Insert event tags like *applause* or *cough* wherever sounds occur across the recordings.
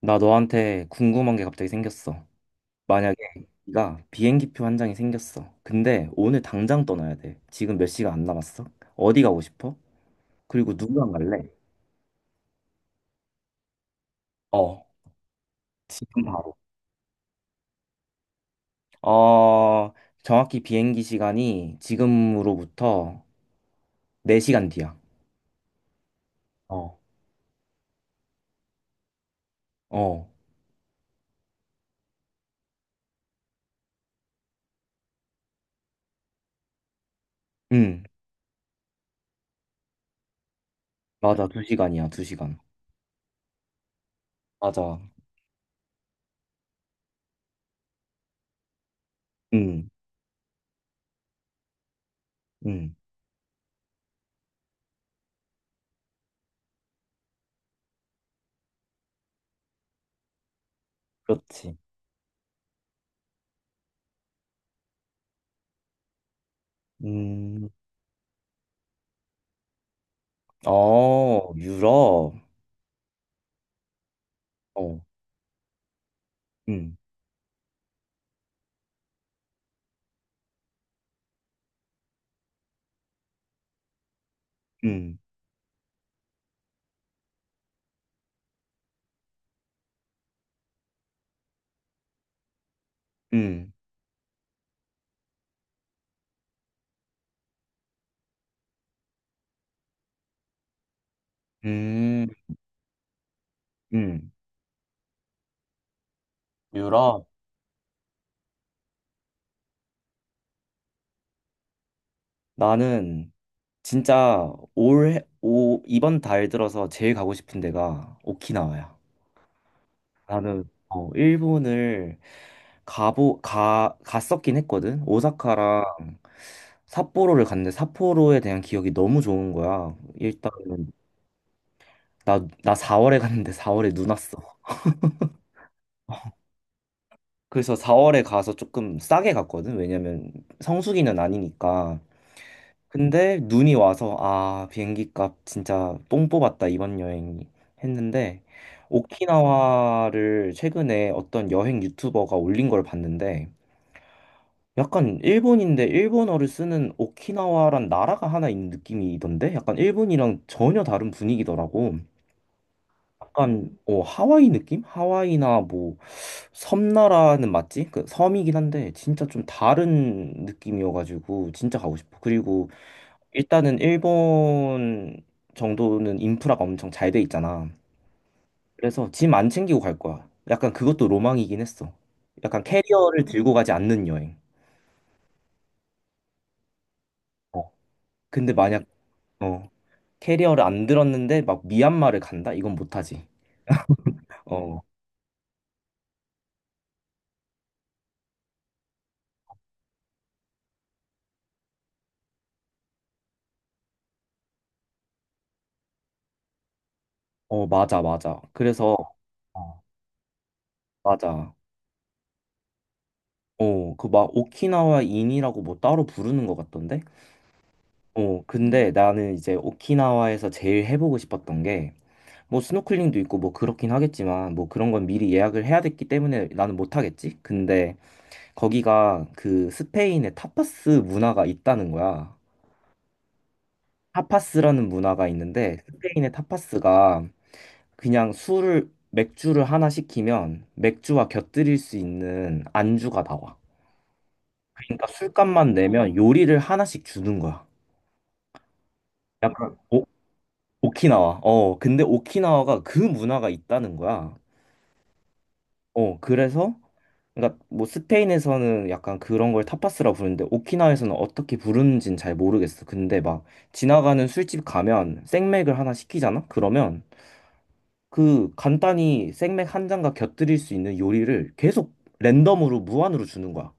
나 너한테 궁금한 게 갑자기 생겼어. 만약에 네가 비행기표 한 장이 생겼어. 근데 오늘 당장 떠나야 돼. 지금 몇 시간 안 남았어? 어디 가고 싶어? 그리고 누구랑 갈래? 어, 지금 바로. 어, 정확히 비행기 시간이 지금으로부터 4시간 뒤야. 어. 어, 응, 맞아. 2시간이야, 2시간. 맞아. 응, 응, 그렇지. 음, 어, 유럽. 어, 응, 응, 응. 음, 음. 유럽. 나는 진짜 이번 달 들어서 제일 가고 싶은 데가 오키나와야. 나는 일본을 갔었긴 했거든. 오사카랑 삿포로를 갔는데 삿포로에 대한 기억이 너무 좋은 거야. 일단은 나 4월에 갔는데 4월에 눈 왔어. *laughs* 그래서 4월에 가서 조금 싸게 갔거든. 왜냐면 성수기는 아니니까. 근데 눈이 와서 아, 비행기 값 진짜 뽕 뽑았다 이번 여행이 했는데, 오키나와를 최근에 어떤 여행 유튜버가 올린 걸 봤는데 약간 일본인데 일본어를 쓰는 오키나와란 나라가 하나 있는 느낌이던데, 약간 일본이랑 전혀 다른 분위기더라고. 약간 어, 하와이 느낌? 하와이나 뭐 섬나라는 맞지? 그 섬이긴 한데 진짜 좀 다른 느낌이어가지고 진짜 가고 싶어. 그리고 일단은 일본 정도는 인프라가 엄청 잘 돼 있잖아. 그래서 짐 안 챙기고 갈 거야. 약간 그것도 로망이긴 했어. 약간 캐리어를 들고 가지 않는 여행. 어. 근데 만약 어, 캐리어를 안 들었는데 막 미얀마를 간다? 이건 못하지. 어, 어, 맞아, 맞아. 그래서 어, 맞아. 그 막 오키나와 인이라고 뭐 따로 부르는 것 같던데? 근데 나는 이제 오키나와에서 제일 해보고 싶었던 게 뭐 스노클링도 있고 뭐 그렇긴 하겠지만 뭐 그런 건 미리 예약을 해야 됐기 때문에 나는 못 하겠지. 근데 거기가 그 스페인의 타파스 문화가 있다는 거야. 타파스라는 문화가 있는데 스페인의 타파스가 그냥 술을 맥주를 하나 시키면 맥주와 곁들일 수 있는 안주가 나와. 그러니까 술값만 내면 요리를 하나씩 주는 거야. 약간 오키나와. 근데 오키나와가 그 문화가 있다는 거야. 어, 그래서 그러니까 뭐 스페인에서는 약간 그런 걸 타파스라 부르는데 오키나와에서는 어떻게 부르는지는 잘 모르겠어. 근데 막 지나가는 술집 가면 생맥을 하나 시키잖아? 그러면 그 간단히 생맥 한 잔과 곁들일 수 있는 요리를 계속 랜덤으로 무한으로 주는 거야.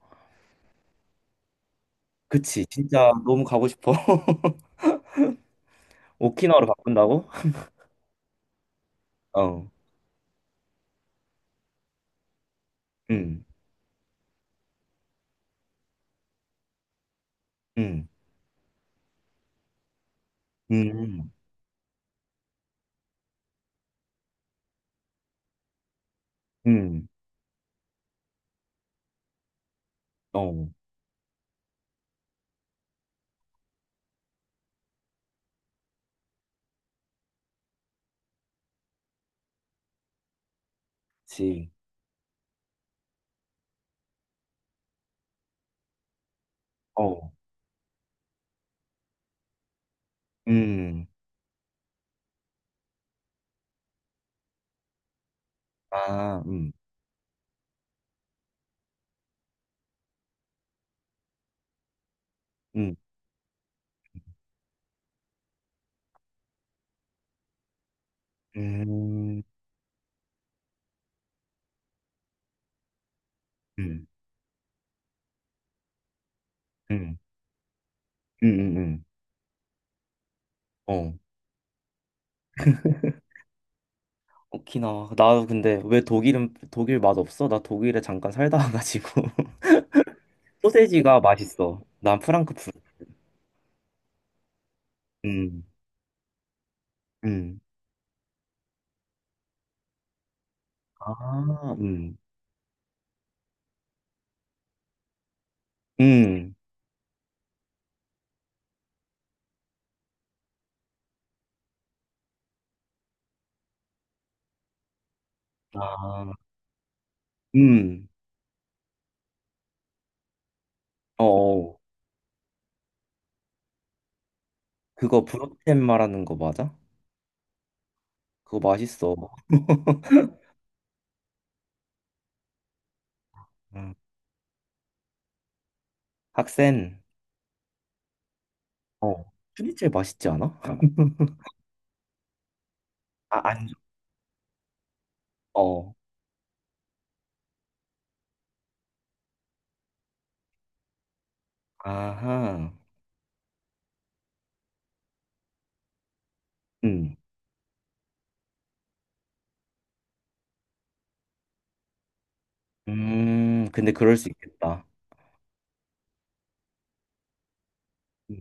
그치. 진짜 너무 가고 싶어. *laughs* 오키나와로 바꾼다고? 어. 음. 음. 음. 음. 어. 그치. 어. 음. 아, 음. 음. 음. 응, 응, 응, 응. 어. 오키나와. 나 근데 왜 독일은 독일 맛 없어? 나 독일에 잠깐 살다 와가지고 *laughs* 소세지가 맛있어. 난 프랑크푸르트. 음, 음, 아, 음, 아, 음. 어, 어. 그거 브로텐 말하는 거 맞아? 그거 맛있어. *laughs* 음. 학생, 슈니첼 맛있지 않아? *laughs* 아, 안 어. 아하. 음, 근데 그럴 수 있겠다. 음.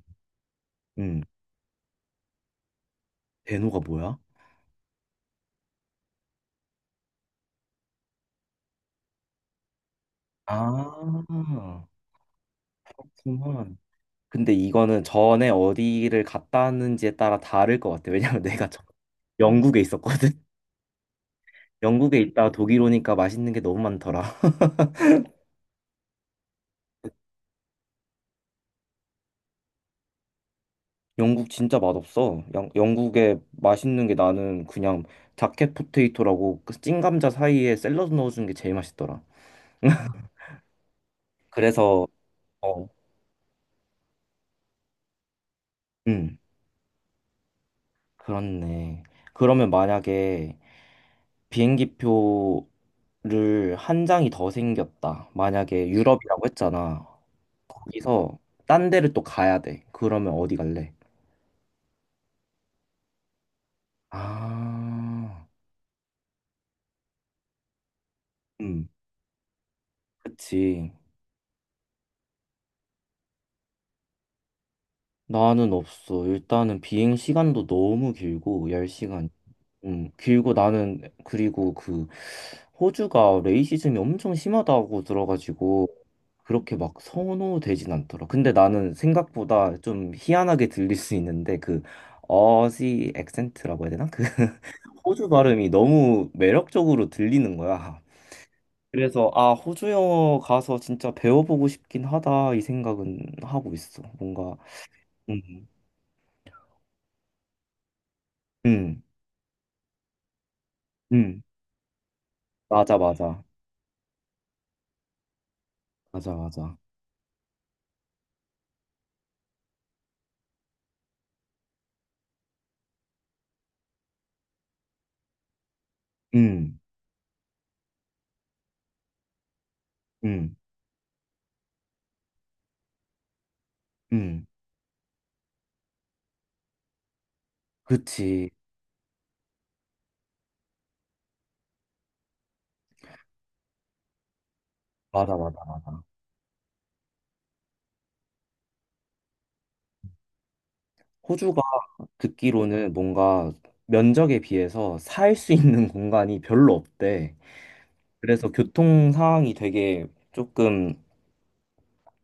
음. 대노가 뭐야? 아, 그렇구만. 근데 이거는 전에 어디를 갔다 왔는지에 따라 다를 것 같아. 왜냐면 *laughs* 내가 저 영국에 있었거든. *laughs* 영국에 있다 독일 오니까 맛있는 게 너무 많더라. *laughs* 영국 진짜 맛없어. 영국에 맛있는 게 나는 그냥 자켓 포테이토라고 그 찐감자 사이에 샐러드 넣어주는 게 제일 맛있더라. *laughs* 그래서 어, 음, 그렇네. 그러면 만약에 비행기표 를 한 장이 더 생겼다. 만약에 유럽이라고 했잖아. 거기서 딴 데를 또 가야 돼. 그러면 어디 갈래? 아, 음, 그치. 나는 없어. 일단은 비행 시간도 너무 길고, 10시간 길고 나는, 그리고 그, 호주가 레이시즘이 엄청 심하다고 들어가지고, 그렇게 막 선호되진 않더라. 근데 나는 생각보다 좀 희한하게 들릴 수 있는데, 그, 어지 액센트라고 해야 되나? 그 호주 발음이 너무 매력적으로 들리는 거야. 그래서 아, 호주 영어 가서 진짜 배워보고 싶긴 하다 이 생각은 하고 있어. 뭔가 음, 음, 음, 맞아, 맞아, 맞아, 맞아, 음, 음, 음, 그치, 맞아, 맞아, 맞아. 호주가 듣기로는 뭔가 면적에 비해서 살 수 있는 *laughs* 공간이 별로 없대. 그래서 교통 상황이 되게 조금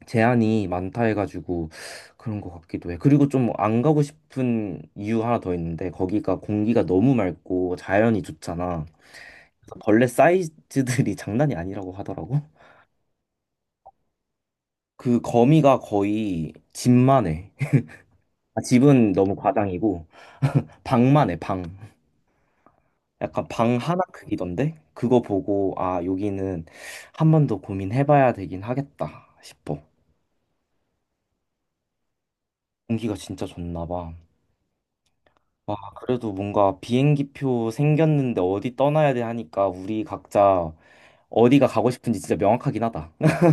제한이 많다 해가지고 그런 것 같기도 해. 그리고 좀 안 가고 싶은 이유 하나 더 있는데 거기가 공기가 너무 맑고 자연이 좋잖아. 그래서 벌레 사이즈들이 *laughs* 장난이 아니라고 하더라고. 그 거미가 거의 집만 해. *laughs* 아, 집은 너무 과장이고 방만 해, 방. 약간 방 하나 크기던데? 그거 보고 아, 여기는 한 번 더 고민해봐야 되긴 하겠다 싶어. 공기가 진짜 좋나 봐. 와, 그래도 뭔가 비행기표 생겼는데 어디 떠나야 돼 하니까 우리 각자 어디가 가고 싶은지 진짜 명확하긴 하다. *laughs*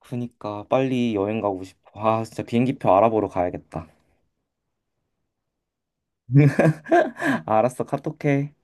그니까 빨리 여행 가고 싶어. 아, 진짜 비행기표 알아보러 가야겠다. *laughs* 알았어, 카톡해.